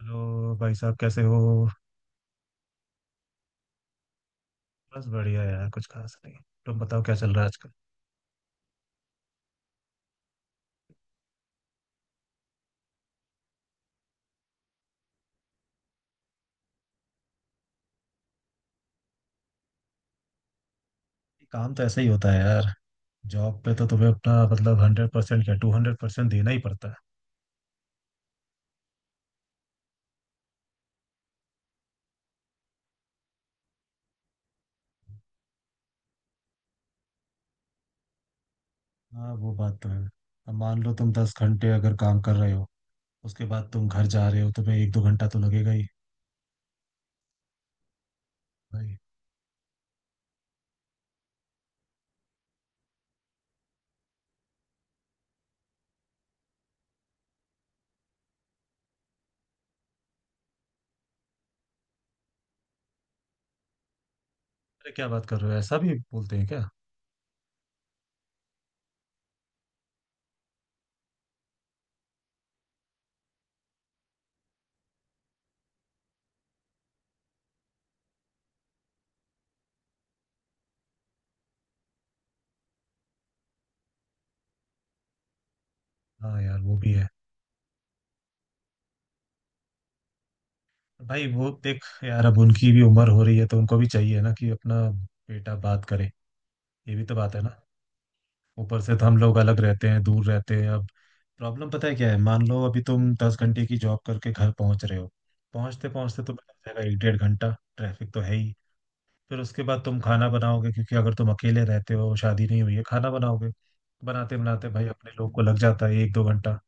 Hello भाई साहब कैसे हो। बस बढ़िया यार कुछ खास नहीं। तुम बताओ क्या चल रहा है आजकल। काम तो ऐसा ही होता है यार। जॉब पे तो तुम्हें अपना मतलब 100% क्या 200% देना ही पड़ता है। हाँ वो बात तो है। अब मान लो तुम 10 घंटे अगर काम कर रहे हो। उसके बाद तुम घर जा रहे हो तुम्हें एक दो घंटा तो लगेगा ही भाई। अरे क्या बात कर रहे हो ऐसा भी बोलते हैं क्या? हाँ यार वो भी है। भाई वो देख यार अब उनकी भी उम्र हो रही है तो उनको भी चाहिए ना कि अपना बेटा बात करे। ये भी तो बात है ना। ऊपर से तो हम लोग अलग रहते हैं दूर रहते हैं। अब प्रॉब्लम पता है क्या है, मान लो अभी तुम 10 घंटे की जॉब करके घर पहुंच रहे हो। पहुंचते पहुंचते तुम्हें लग जाएगा एक डेढ़ घंटा। ट्रैफिक तो है ही। फिर उसके बाद तुम खाना बनाओगे क्योंकि अगर तुम अकेले रहते हो शादी नहीं हुई है खाना बनाओगे। बनाते बनाते भाई अपने लोग को लग जाता है एक दो घंटा।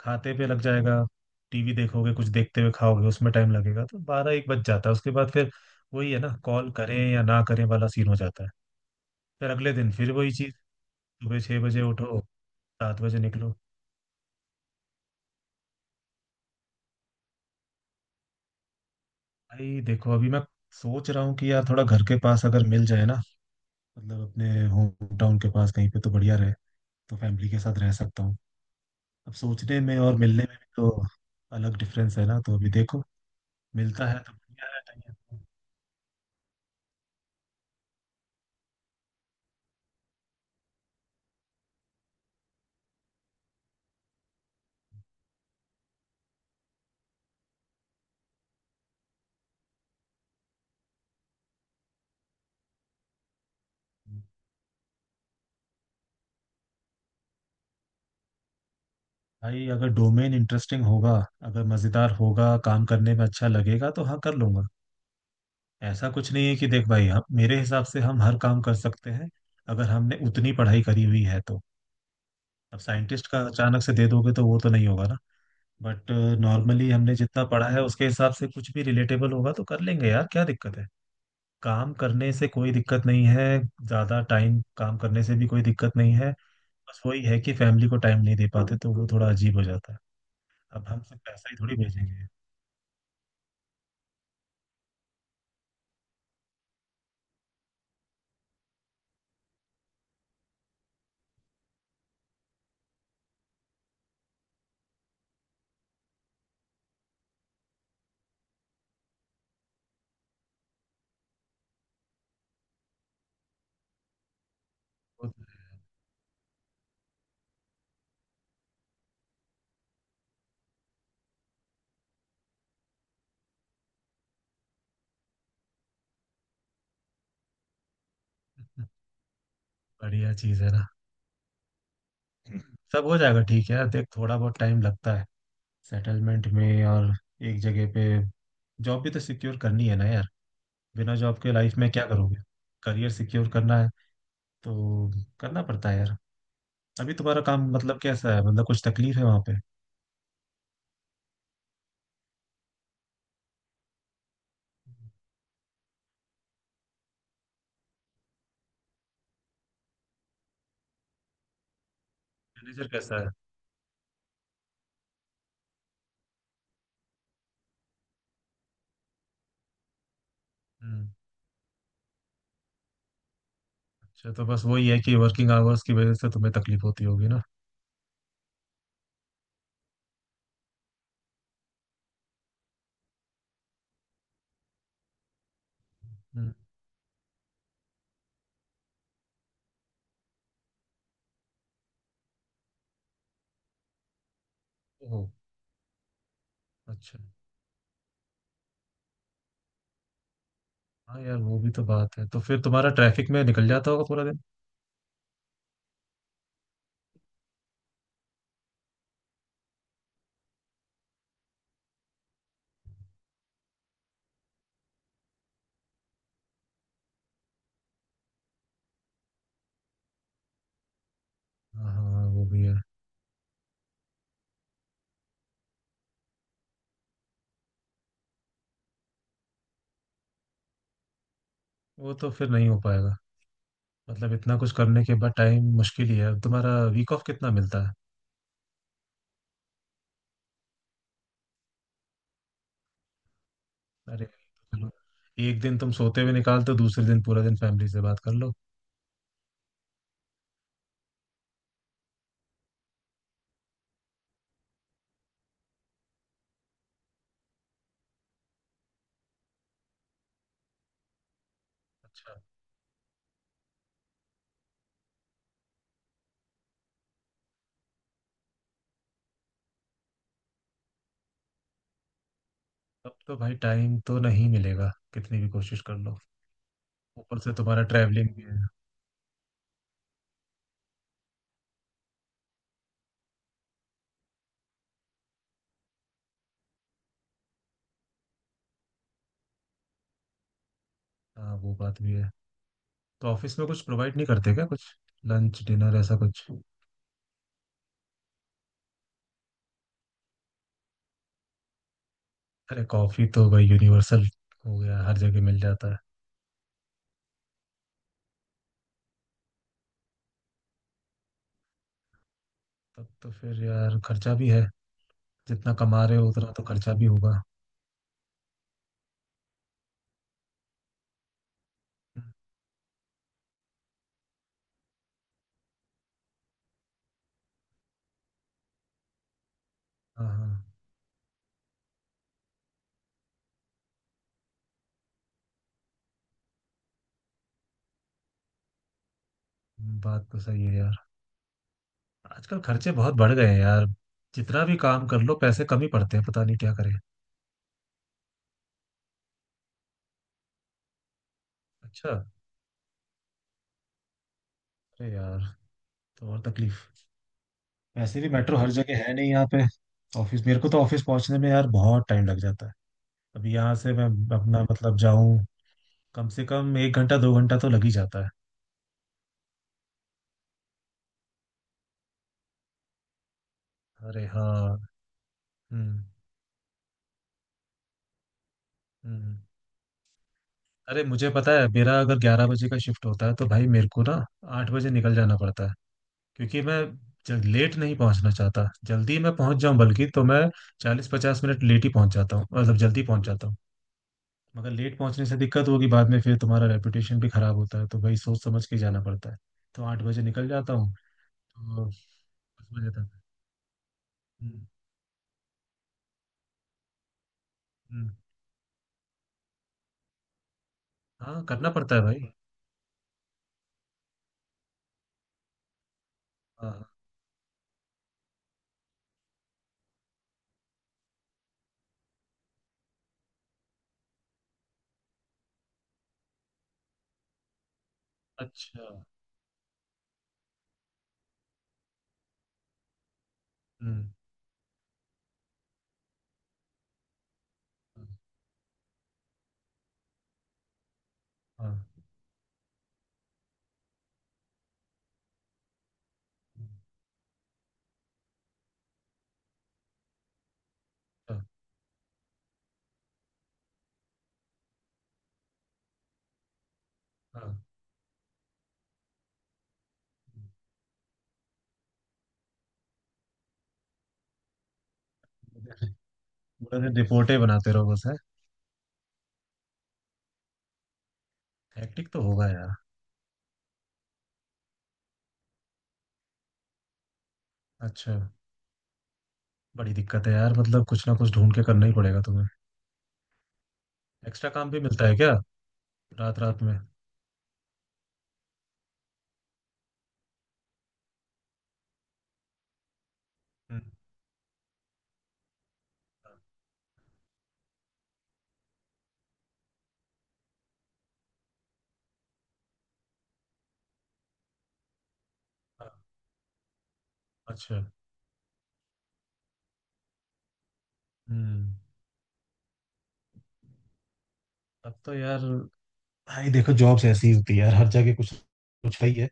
खाते पे लग जाएगा। टीवी देखोगे कुछ देखते हुए खाओगे उसमें टाइम लगेगा तो बारह एक बज जाता है उसके बाद फिर वही है ना कॉल करें या ना करें वाला सीन हो जाता है। फिर अगले दिन फिर वही चीज। सुबह 6 बजे उठो। 7 बजे निकलो। भाई देखो अभी मैं सोच रहा हूँ कि यार थोड़ा घर के पास अगर मिल जाए ना, मतलब अपने होम टाउन के पास कहीं पे तो बढ़िया रहे। तो फैमिली के साथ रह सकता हूँ। अब सोचने में और मिलने में भी तो अलग डिफरेंस है ना, तो अभी देखो मिलता है तो बढ़िया है नहीं है तो- भाई अगर डोमेन इंटरेस्टिंग होगा, अगर मजेदार होगा, काम करने में अच्छा लगेगा तो हाँ कर लूंगा। ऐसा कुछ नहीं है कि देख भाई, हम मेरे हिसाब से हम हर काम कर सकते हैं अगर हमने उतनी पढ़ाई करी हुई है तो। अब साइंटिस्ट का अचानक से दे दोगे तो वो तो नहीं होगा ना। बट नॉर्मली हमने जितना पढ़ा है उसके हिसाब से कुछ भी रिलेटेबल होगा तो कर लेंगे यार, क्या दिक्कत है। काम करने से कोई दिक्कत नहीं है। ज्यादा टाइम काम करने से भी कोई दिक्कत नहीं है। बस वही है कि फैमिली को टाइम नहीं दे पाते तो वो थोड़ा अजीब हो जाता है। अब हम सिर्फ पैसा ही थोड़ी भेजेंगे। वो तो बढ़िया चीज है ना। सब हो जाएगा, ठीक है यार देख थोड़ा बहुत टाइम लगता है सेटलमेंट में। और एक जगह पे जॉब भी तो सिक्योर करनी है ना यार। बिना जॉब के लाइफ में क्या करोगे। करियर सिक्योर करना है। तो करना पड़ता है यार। अभी तुम्हारा काम मतलब कैसा है, मतलब कुछ तकलीफ है वहां पे? मैनेजर कैसा है? हम्म। अच्छा तो बस वही है कि वर्किंग आवर्स की वजह से तुम्हें तकलीफ होती होगी ना। हम्म। ओह। अच्छा। हाँ यार वो भी तो बात है, तो फिर तुम्हारा ट्रैफिक में निकल जाता होगा पूरा दिन। हाँ हाँ वो भी है। वो तो फिर नहीं हो पाएगा। मतलब इतना कुछ करने के बाद टाइम मुश्किल ही है अब तुम्हारा। वीक ऑफ कितना मिलता है? अरे चलो, एक दिन तुम सोते हुए निकालते हो, दूसरे दिन पूरा दिन फैमिली से बात कर लो। अच्छा। अब तो भाई टाइम तो नहीं मिलेगा कितनी भी कोशिश कर लो। ऊपर से तुम्हारा ट्रैवलिंग भी है। हाँ वो बात भी है। तो ऑफिस में कुछ प्रोवाइड नहीं करते क्या, कुछ लंच डिनर ऐसा कुछ? अरे कॉफी तो भाई यूनिवर्सल हो गया, हर जगह मिल जाता है। तब तो फिर यार खर्चा भी है, जितना कमा रहे हो उतना तो खर्चा भी होगा। हाँ हाँ बात तो सही है यार। आजकल खर्चे बहुत बढ़ गए हैं यार। जितना भी काम कर लो पैसे कम ही पड़ते हैं, पता नहीं क्या करें। अच्छा। अरे यार, तो और तकलीफ। वैसे भी मेट्रो हर जगह है नहीं यहाँ पे। ऑफिस मेरे को तो ऑफिस पहुंचने में यार बहुत टाइम लग जाता है। अभी यहाँ से मैं अपना मतलब जाऊं, कम से कम एक घंटा दो घंटा तो लग ही जाता है। अरे हाँ। हम्म। हम्म। अरे मुझे पता है, मेरा अगर 11 बजे का शिफ्ट होता है तो भाई मेरे को ना 8 बजे निकल जाना पड़ता है, क्योंकि मैं लेट नहीं पहुंचना चाहता, जल्दी मैं पहुंच जाऊं, बल्कि तो मैं 40 50 मिनट लेट ही पहुंच जाता हूँ, मतलब जल्दी पहुंच जाता हूँ। मगर लेट पहुंचने से दिक्कत होगी बाद में, फिर तुम्हारा रेपुटेशन भी खराब होता है तो भाई सोच समझ के जाना पड़ता है। तो 8 बजे निकल जाता हूँ। तो बच में जाता है। हम्म। हम्म। हाँ करना पड़ता है भाई। हाँ हाँ। अच्छा। हम्म। हाँ। हाँ। हाँ। पूरा दिन रिपोर्टें बनाते रहो बस है। हेक्टिक तो होगा यार। अच्छा। बड़ी दिक्कत है यार, मतलब कुछ ना कुछ ढूंढ के करना ही पड़ेगा तुम्हें। एक्स्ट्रा काम भी मिलता है क्या रात रात में? हम्म। हाँ। अच्छा। हम्म। अब तो यार भाई देखो जॉब्स ऐसी होती है यार, हर जगह कुछ कुछ है ही है।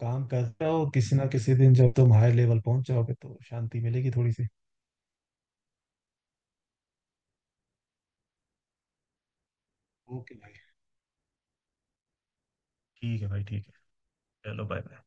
काम करते हो किसी ना किसी दिन जब तुम हायर लेवल पहुंच जाओगे तो शांति मिलेगी थोड़ी सी। ओके भाई। ठीक है भाई ठीक है। चलो बाय।